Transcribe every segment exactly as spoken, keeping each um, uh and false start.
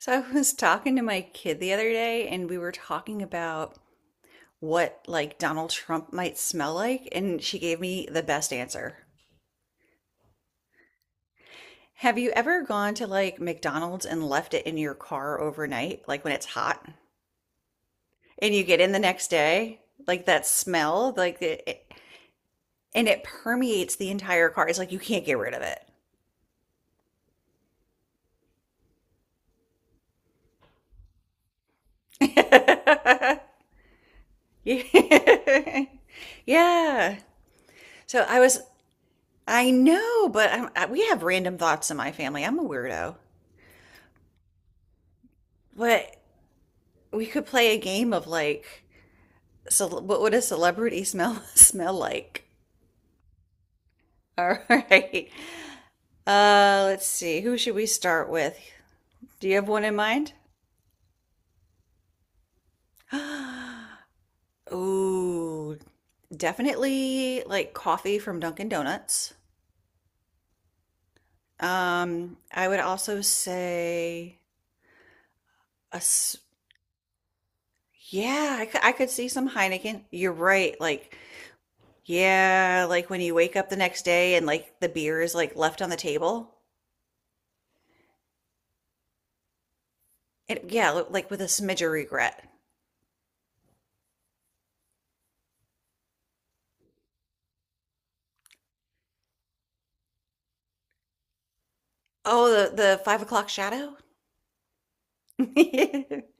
So I was talking to my kid the other day and we were talking about what like Donald Trump might smell like and she gave me the best answer. Have you ever gone to like McDonald's and left it in your car overnight, like when it's hot, and you get in the next day, like that smell, like it, it- and it permeates the entire car. It's like you can't get rid of it. Yeah. Yeah. So I was I know, but I'm, I, we have random thoughts in my family. I'm a weirdo. But we could play a game of like, so what would a celebrity smell smell like? All right. Uh, let's see. Who should we start with? Do you have one in mind? Ooh, definitely like coffee from Dunkin' Donuts. Um, I would also say a s- yeah, I could, I could see some Heineken. You're right. Like, yeah, like when you wake up the next day and like the beer is like left on the table. It, yeah, like with a smidge of regret. Oh, the, the five o'clock shadow? it,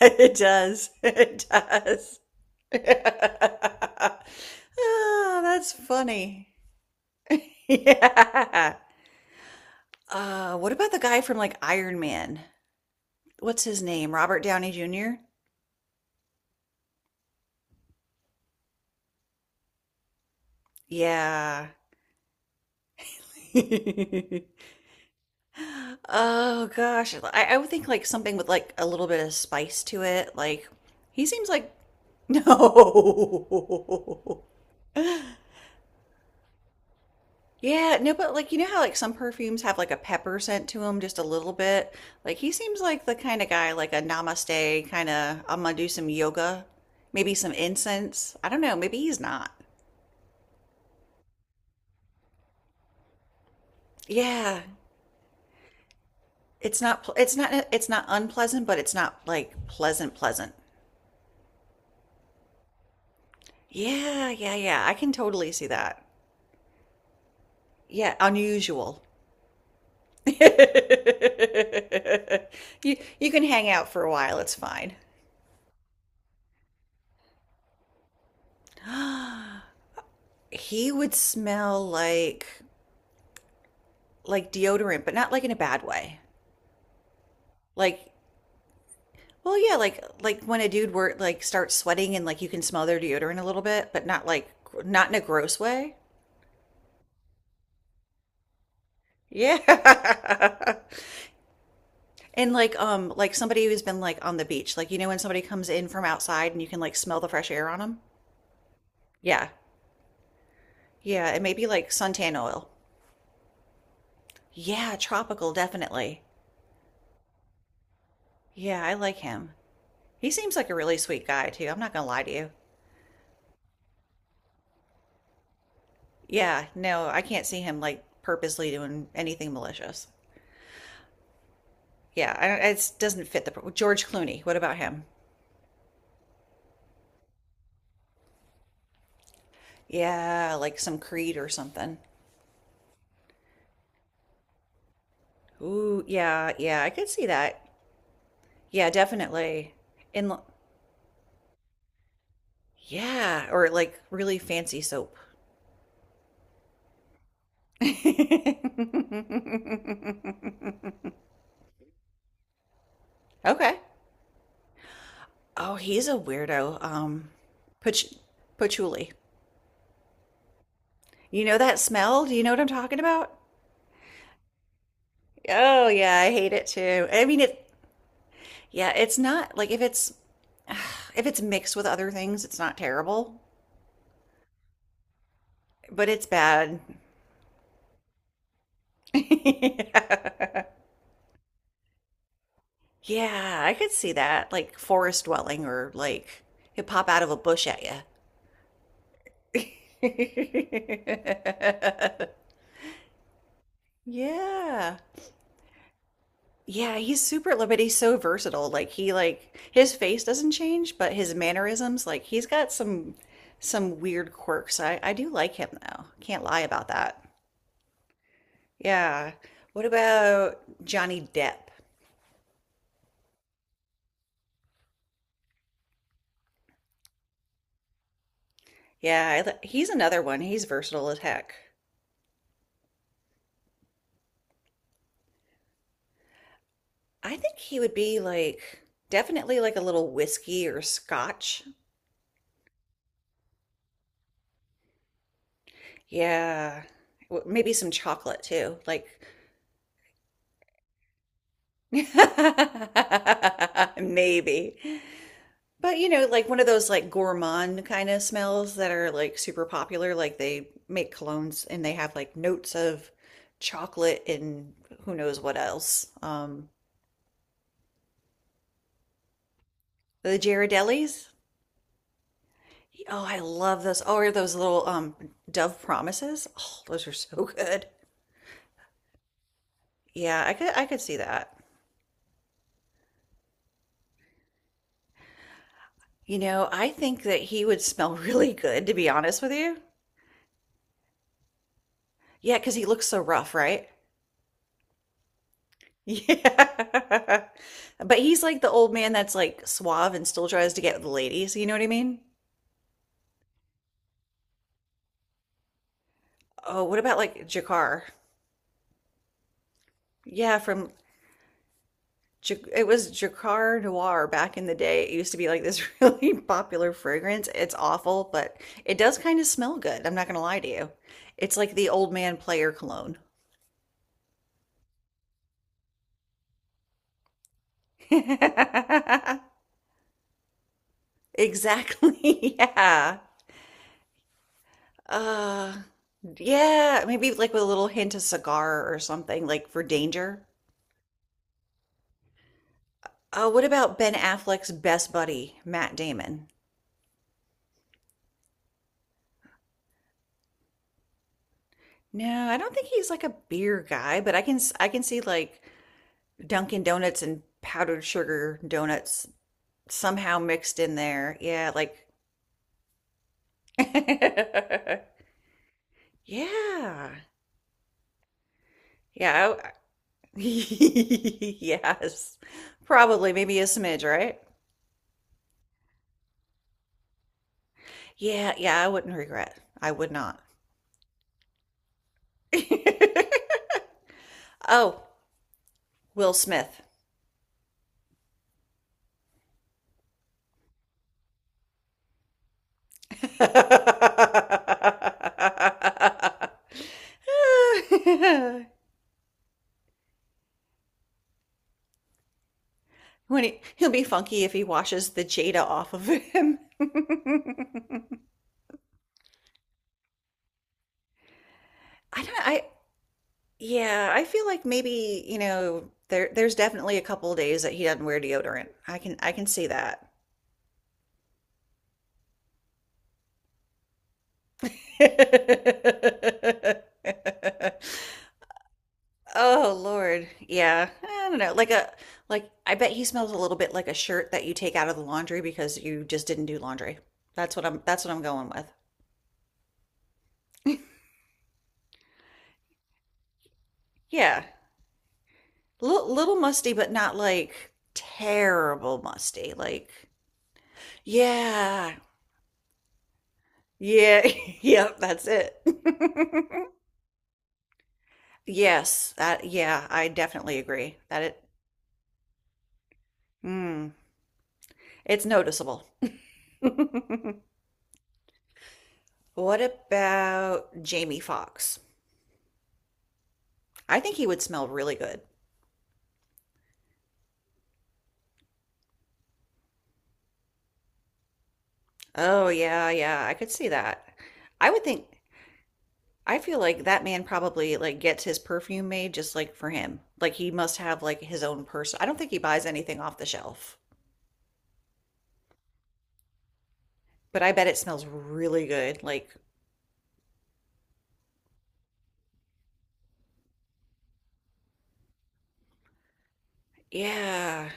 it does. It does. Ah, that's funny. Yeah. Uh, what about the guy from like Iron Man? What's his name? Robert Downey Junior? Yeah. Oh gosh, I, I would think like something with like a little bit of spice to it. Like he seems like no. Yeah, no, but like you know how like some perfumes have like a pepper scent to them just a little bit. Like he seems like the kind of guy like a namaste kind of I'm gonna do some yoga, maybe some incense. I don't know, maybe he's not. Yeah, it's not pl- it's not it's not unpleasant, but it's not like pleasant pleasant. Yeah, yeah, yeah. I can totally see that. Yeah, unusual. you you can hang out for a while, it's fine. He would smell like like deodorant, but not like in a bad way. Like well, yeah, like like when a dude were like starts sweating and like you can smell their deodorant a little bit, but not like not in a gross way. Yeah. And like um like somebody who's been like on the beach, like you know when somebody comes in from outside and you can like smell the fresh air on them? Yeah. Yeah, and maybe like suntan oil. Yeah, tropical, definitely. Yeah, I like him. He seems like a really sweet guy, too. I'm not gonna lie to you. Yeah, no, I can't see him like purposely doing anything malicious. Yeah, I don't, it doesn't fit the. George Clooney, what about him? Yeah, like some Creed or something. Ooh, yeah, yeah, I could see that. Yeah, definitely. In, l- yeah, or like really fancy soap. Okay. Oh, he's a weirdo. Um, pach- Patchouli. You know that smell? Do you know what I'm talking about? Oh yeah, I hate it too. I mean, it. Yeah, it's not like if it's if it's mixed with other things, it's not terrible, but it's bad. Yeah, yeah, I could see that. Like forest dwelling or like it pop out of a bush at you. Yeah. Yeah, he's super li- but he's so versatile. Like he like his face doesn't change, but his mannerisms, like he's got some some weird quirks. I I do like him though. Can't lie about that. Yeah. What about Johnny Depp? Yeah, I, li- he's another one. He's versatile as heck. I think he would be like definitely like a little whiskey or scotch. Yeah. W- Maybe some chocolate too. Like maybe. But you know, like one of those like gourmand kind of smells that are like super popular. Like they make colognes and they have like notes of chocolate and who knows what else. Um, the Ghirardellis. Oh, I love those. Oh, or those little um Dove Promises. Oh, those are so good. Yeah, I could I could see that. You know, I think that he would smell really good, to be honest with you. Yeah, because he looks so rough, right? Yeah. But he's like the old man that's like suave and still tries to get with the ladies. You know what I mean? Oh, what about like Jakar? Yeah, from Ja- it was Jakar Noir back in the day. It used to be like this really popular fragrance. It's awful, but it does kind of smell good. I'm not gonna lie to you. It's like the old man player cologne. Exactly. Yeah. Uh, yeah, maybe like with a little hint of cigar or something, like for danger. Oh, what about Ben Affleck's best buddy, Matt Damon? No, I don't think he's like a beer guy, but I can I can see like Dunkin' Donuts and powdered sugar donuts somehow mixed in there. Yeah, like Yeah. Yeah. I- Yes. Probably maybe a smidge, right? Yeah, yeah, I wouldn't regret. I would not. Oh, Will Smith. When he, he'll be funky if he washes the Jada off of him. I don't. I Yeah. I feel like maybe you know there. There's definitely a couple of days that he doesn't wear deodorant. I can I can see that. Oh Lord. Yeah. I don't know. Like a like I bet he smells a little bit like a shirt that you take out of the laundry because you just didn't do laundry. That's what I'm that's what I'm going with. Yeah. L Little musty but not like terrible musty. Like yeah. Yeah. Yep, that's it. Yes. That Yeah, I definitely agree. That it mm, it's noticeable. What about Jamie Foxx? I think he would smell really good. Oh yeah, yeah, I could see that. I would think I feel like that man probably like gets his perfume made just like for him. Like he must have like his own person. I don't think he buys anything off the shelf, but I bet it smells really good. Like yeah.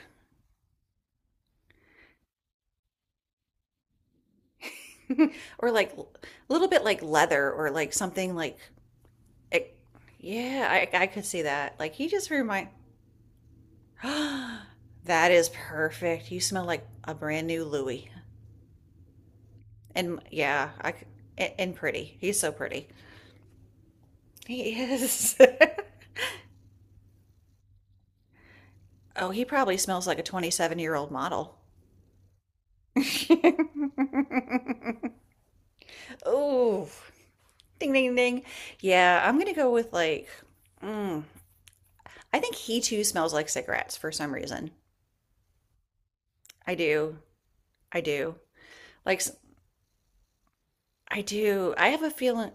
Or like a little bit like leather or like something like it, yeah, I I could see that. Like he just remind That is perfect. You smell like a brand new Louis. And yeah, I c- a- and pretty. He's so pretty. He is. Oh, he probably smells like a twenty-seven year old model. Oh, ding, ding, ding. Yeah, I'm going to go with like, mm, I think he too smells like cigarettes for some reason. I do. I do. Like, I do. I have a feeling.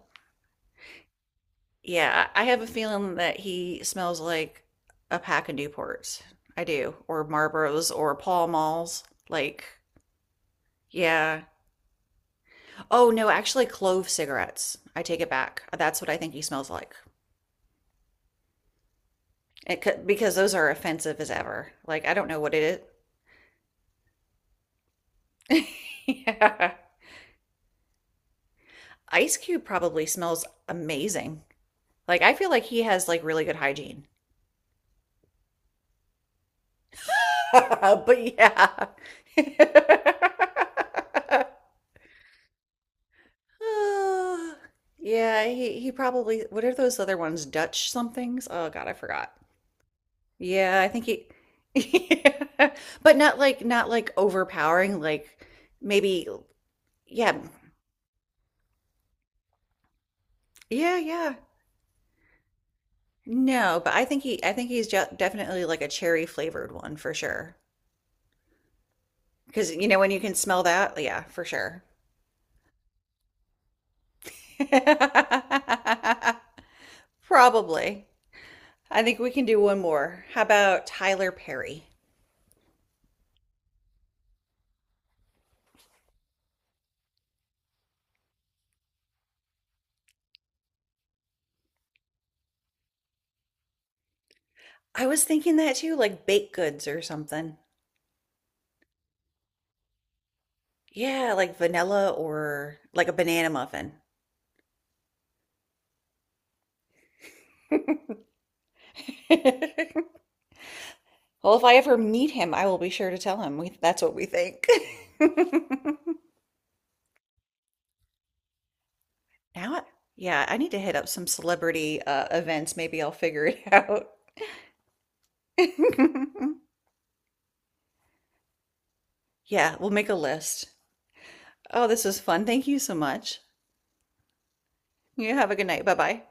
Yeah, I have a feeling that he smells like a pack of Newports. I do. Or Marlboros or Pall Malls. Like, yeah. Oh no, actually clove cigarettes. I take it back. That's what I think he smells like. It could, because those are offensive as ever. Like I don't know what it is. Yeah. Ice Cube probably smells amazing. Like I feel like he has like really good hygiene. But yeah. Ah, yeah, he he probably what are those other ones? Dutch somethings? Oh God, I forgot. Yeah, I think he yeah. But not like not like overpowering, like maybe yeah. Yeah, yeah. No, but I think he I think he's ju- definitely like a cherry flavored one for sure. Because you know when you can smell that, yeah, for sure. Probably. I think we can do one more. How about Tyler Perry? I was thinking that too, like baked goods or something. Yeah, like vanilla or like a banana muffin. Well, if I ever meet him, I will be sure to tell him. We, that's what we think. Now, yeah, I need to hit up some celebrity uh, events. Maybe I'll figure it out. Yeah, we'll make a list. Oh, this was fun. Thank you so much. You have a good night. Bye bye.